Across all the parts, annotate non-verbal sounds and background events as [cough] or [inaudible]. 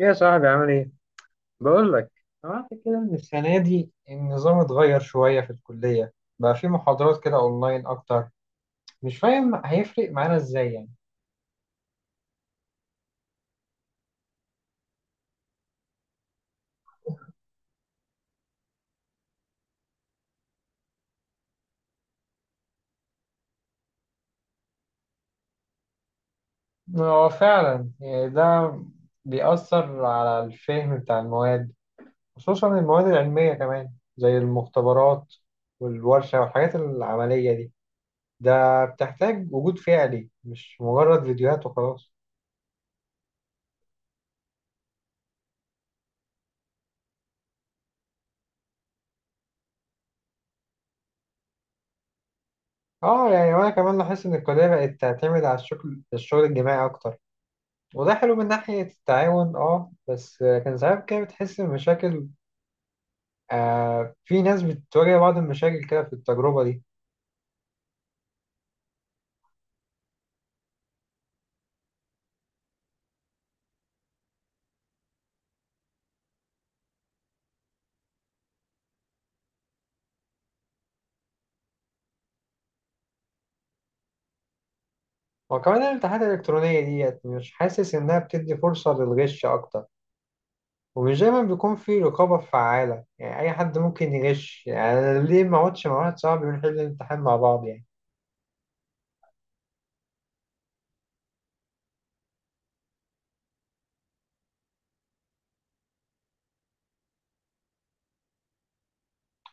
ايه يا صاحبي عامل ايه؟ بقول لك، سمعت كده ان السنة دي النظام اتغير شوية في الكلية، بقى في محاضرات كده اونلاين اكتر. مش فاهم هيفرق معانا ازاي يعني. هو فعلا يعني ده بيأثر على الفهم بتاع المواد، خصوصا المواد العلمية كمان، زي المختبرات والورشة والحاجات العملية دي، ده بتحتاج وجود فعلي مش مجرد فيديوهات وخلاص. اه يعني وانا كمان لاحظت ان الكلية بقت تعتمد على الشغل الجماعي اكتر، وده حلو من ناحية التعاون. اه بس كان ساعات كده بتحس بمشاكل. في ناس بتواجه بعض المشاكل كده في التجربة دي. وكمان الامتحانات الإلكترونية ديت مش حاسس إنها بتدي فرصة للغش أكتر، ومش دايما بيكون في رقابة فعالة. يعني أي حد ممكن يغش، يعني أنا ليه ما أقعدش مع واحد صاحبي ونحل الامتحان مع بعض يعني.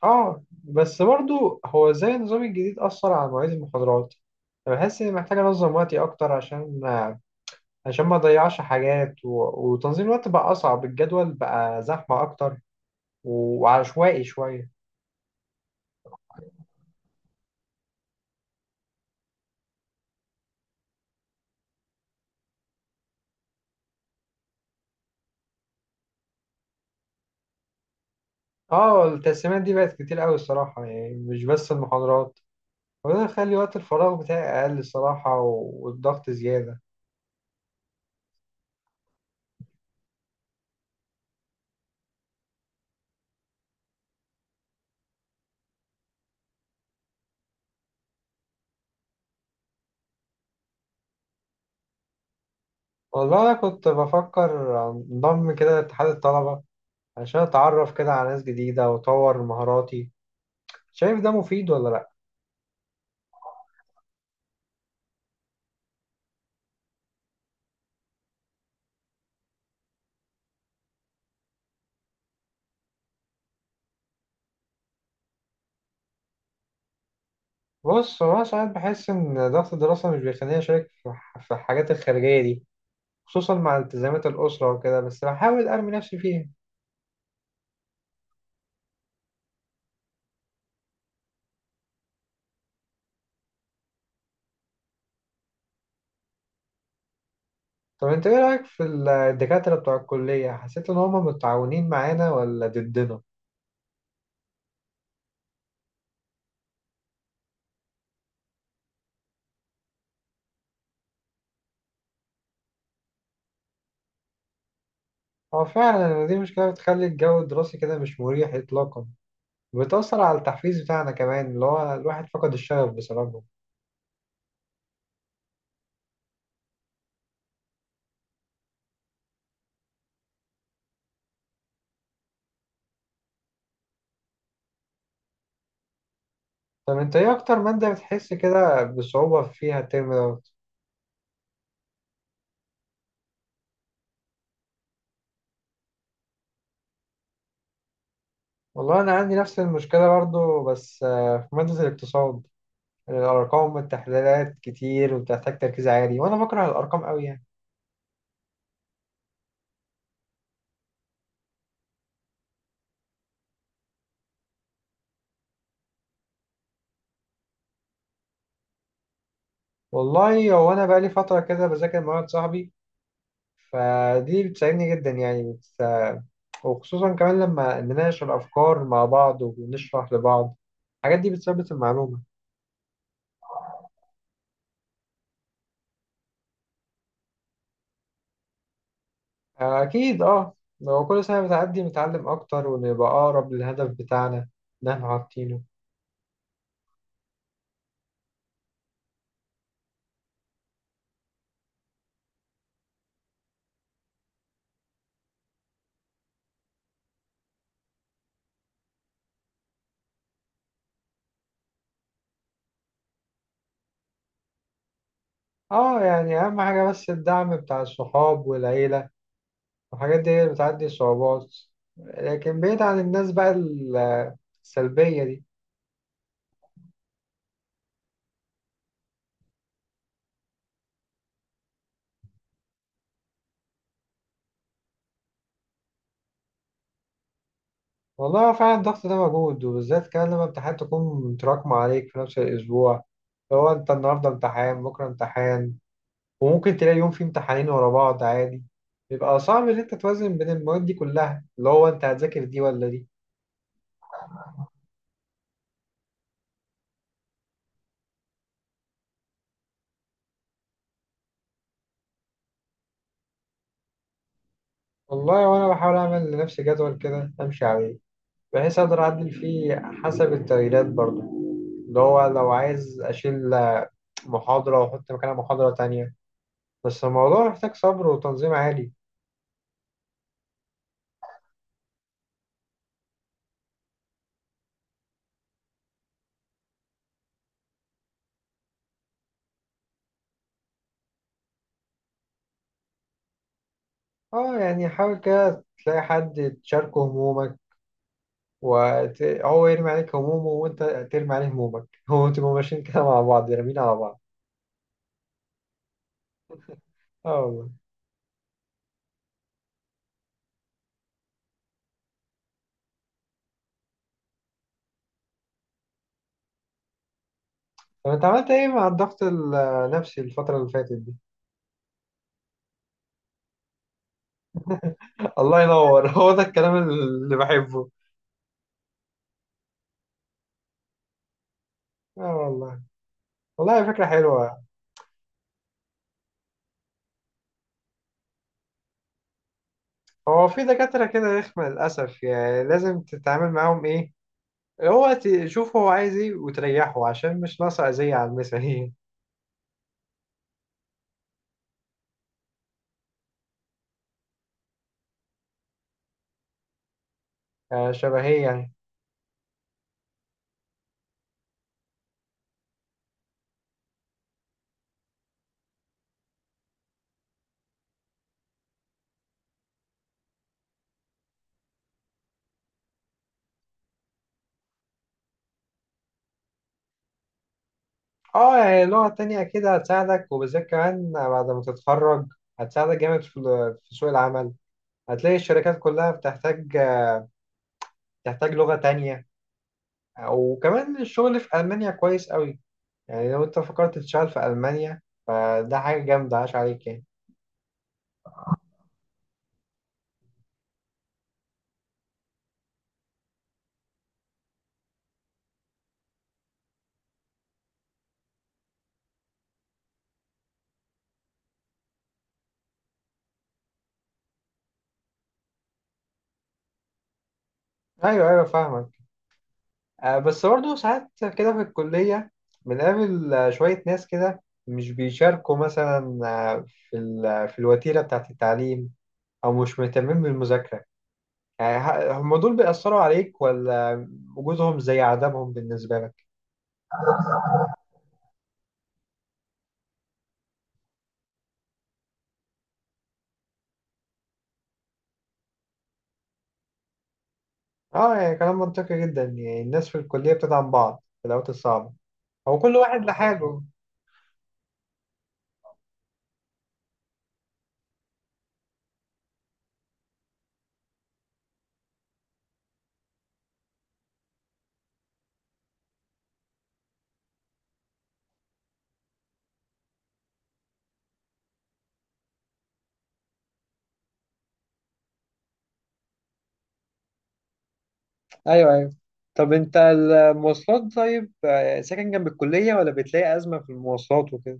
اه بس برضو، هو ازاي النظام الجديد أثر على مواعيد المحاضرات؟ أنا بحس إني محتاج أنظم وقتي أكتر عشان ما اضيعش حاجات وتنظيم الوقت بقى اصعب. الجدول بقى زحمه اكتر وعشوائي شويه. اه التقسيمات دي بقت كتير قوي الصراحه، يعني مش بس المحاضرات. وده يخلي وقت الفراغ بتاعي اقل الصراحه والضغط زياده. والله انا كنت بفكر انضم كده لاتحاد الطلبه عشان اتعرف كده على ناس جديده واطور مهاراتي. شايف ده مفيد ولا لا؟ بص، هو أنا ساعات بحس ان ضغط الدراسه مش بيخليني اشارك في الحاجات الخارجيه دي، خصوصا مع التزامات الأسرة وكده، بس بحاول أرمي نفسي فيها. طب أنت إيه رأيك في الدكاترة بتوع الكلية؟ حسيت إن هما متعاونين معانا ولا ضدنا؟ هو فعلا يعني دي مشكلة بتخلي الجو الدراسي كده مش مريح إطلاقا، وبتأثر على التحفيز بتاعنا كمان، اللي هو الواحد فقد الشغف بسببه. طب أنت إيه أكتر مادة بتحس كده بصعوبة فيها الترم دوت؟ والله أنا عندي نفس المشكلة برضو، بس في مادة الاقتصاد الأرقام والتحليلات كتير، وبتحتاج تركيز عالي، وأنا بكره الأرقام أوي يعني. والله هو انا بقالي فتره كده بذاكر مع واحد صاحبي، فدي بتساعدني جدا يعني وخصوصا كمان لما نناقش الافكار مع بعض ونشرح لبعض، الحاجات دي بتثبت المعلومه. اكيد اه. لو كل سنه بتعدي بنتعلم اكتر ونبقى اقرب للهدف بتاعنا اللي احنا حاطينه. اه يعني اهم حاجه بس الدعم بتاع الصحاب والعيله والحاجات دي، هي اللي بتعدي الصعوبات، لكن بعيد عن الناس بقى السلبيه دي. والله هو فعلا الضغط ده موجود، وبالذات كمان لما امتحانات تكون متراكمة عليك في نفس الأسبوع. لو أنت النهاردة امتحان بكرة امتحان، وممكن تلاقي يوم فيه امتحانين ورا بعض عادي. بيبقى صعب إن أنت توازن بين المواد دي كلها، اللي هو أنت هتذاكر دي ولا دي. والله وأنا بحاول أعمل لنفسي جدول كده أمشي عليه، بحيث أقدر أعدل فيه حسب التغييرات برضه، اللي هو لو عايز أشيل محاضرة وأحط مكانها محاضرة تانية، بس الموضوع محتاج صبر وتنظيم عالي. اه يعني حاول كده تلاقي حد تشاركه همومك هو يرمي عليك همومه وانت ترمي عليه همومك. [laughs] هو تبقوا ماشيين كده مع بعض رامين على بعض. اه والله. طب انت عملت ايه مع الضغط النفسي الفترة اللي فاتت دي؟ [laughs] الله ينور، هو ده الكلام اللي بحبه. اه والله. والله فكرة حلوة. هو في دكاترة كده رخمة للأسف، يعني لازم تتعامل معاهم ايه، هو تشوف هو عايز ايه وتريحه عشان مش ناقصة أذية على المثالية. [laughs] شبهية. اه يعني لغة تانية كده هتساعدك، وبالذات كمان بعد ما تتخرج هتساعدك جامد في سوق العمل. هتلاقي الشركات كلها بتحتاج لغة تانية. وكمان الشغل في ألمانيا كويس قوي، يعني لو انت فكرت تشتغل في ألمانيا فده حاجة جامدة عاش عليك يعني. أيوه أيوه فاهمك. بس برضه ساعات كده في الكلية بنقابل شوية ناس كده مش بيشاركوا مثلا في في الوتيرة بتاعة التعليم، أو مش مهتمين بالمذاكرة. يعني هم دول بيأثروا عليك ولا وجودهم زي عدمهم بالنسبة لك؟ اه يعني كلام منطقي جدا. يعني الناس في الكلية بتدعم بعض في الأوقات الصعبة، هو كل واحد لحاله. ايوه ايوه. طب انت المواصلات، طيب ساكن جنب الكلية ولا بتلاقي أزمة في المواصلات وكده؟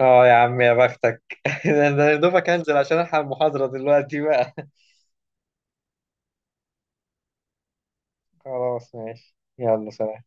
اه يا عم يا بختك. [laughs] ده انا يا دوبك هنزل عشان الحق المحاضرة دلوقتي بقى. [laughs] خلاص ماشي يلا سلام.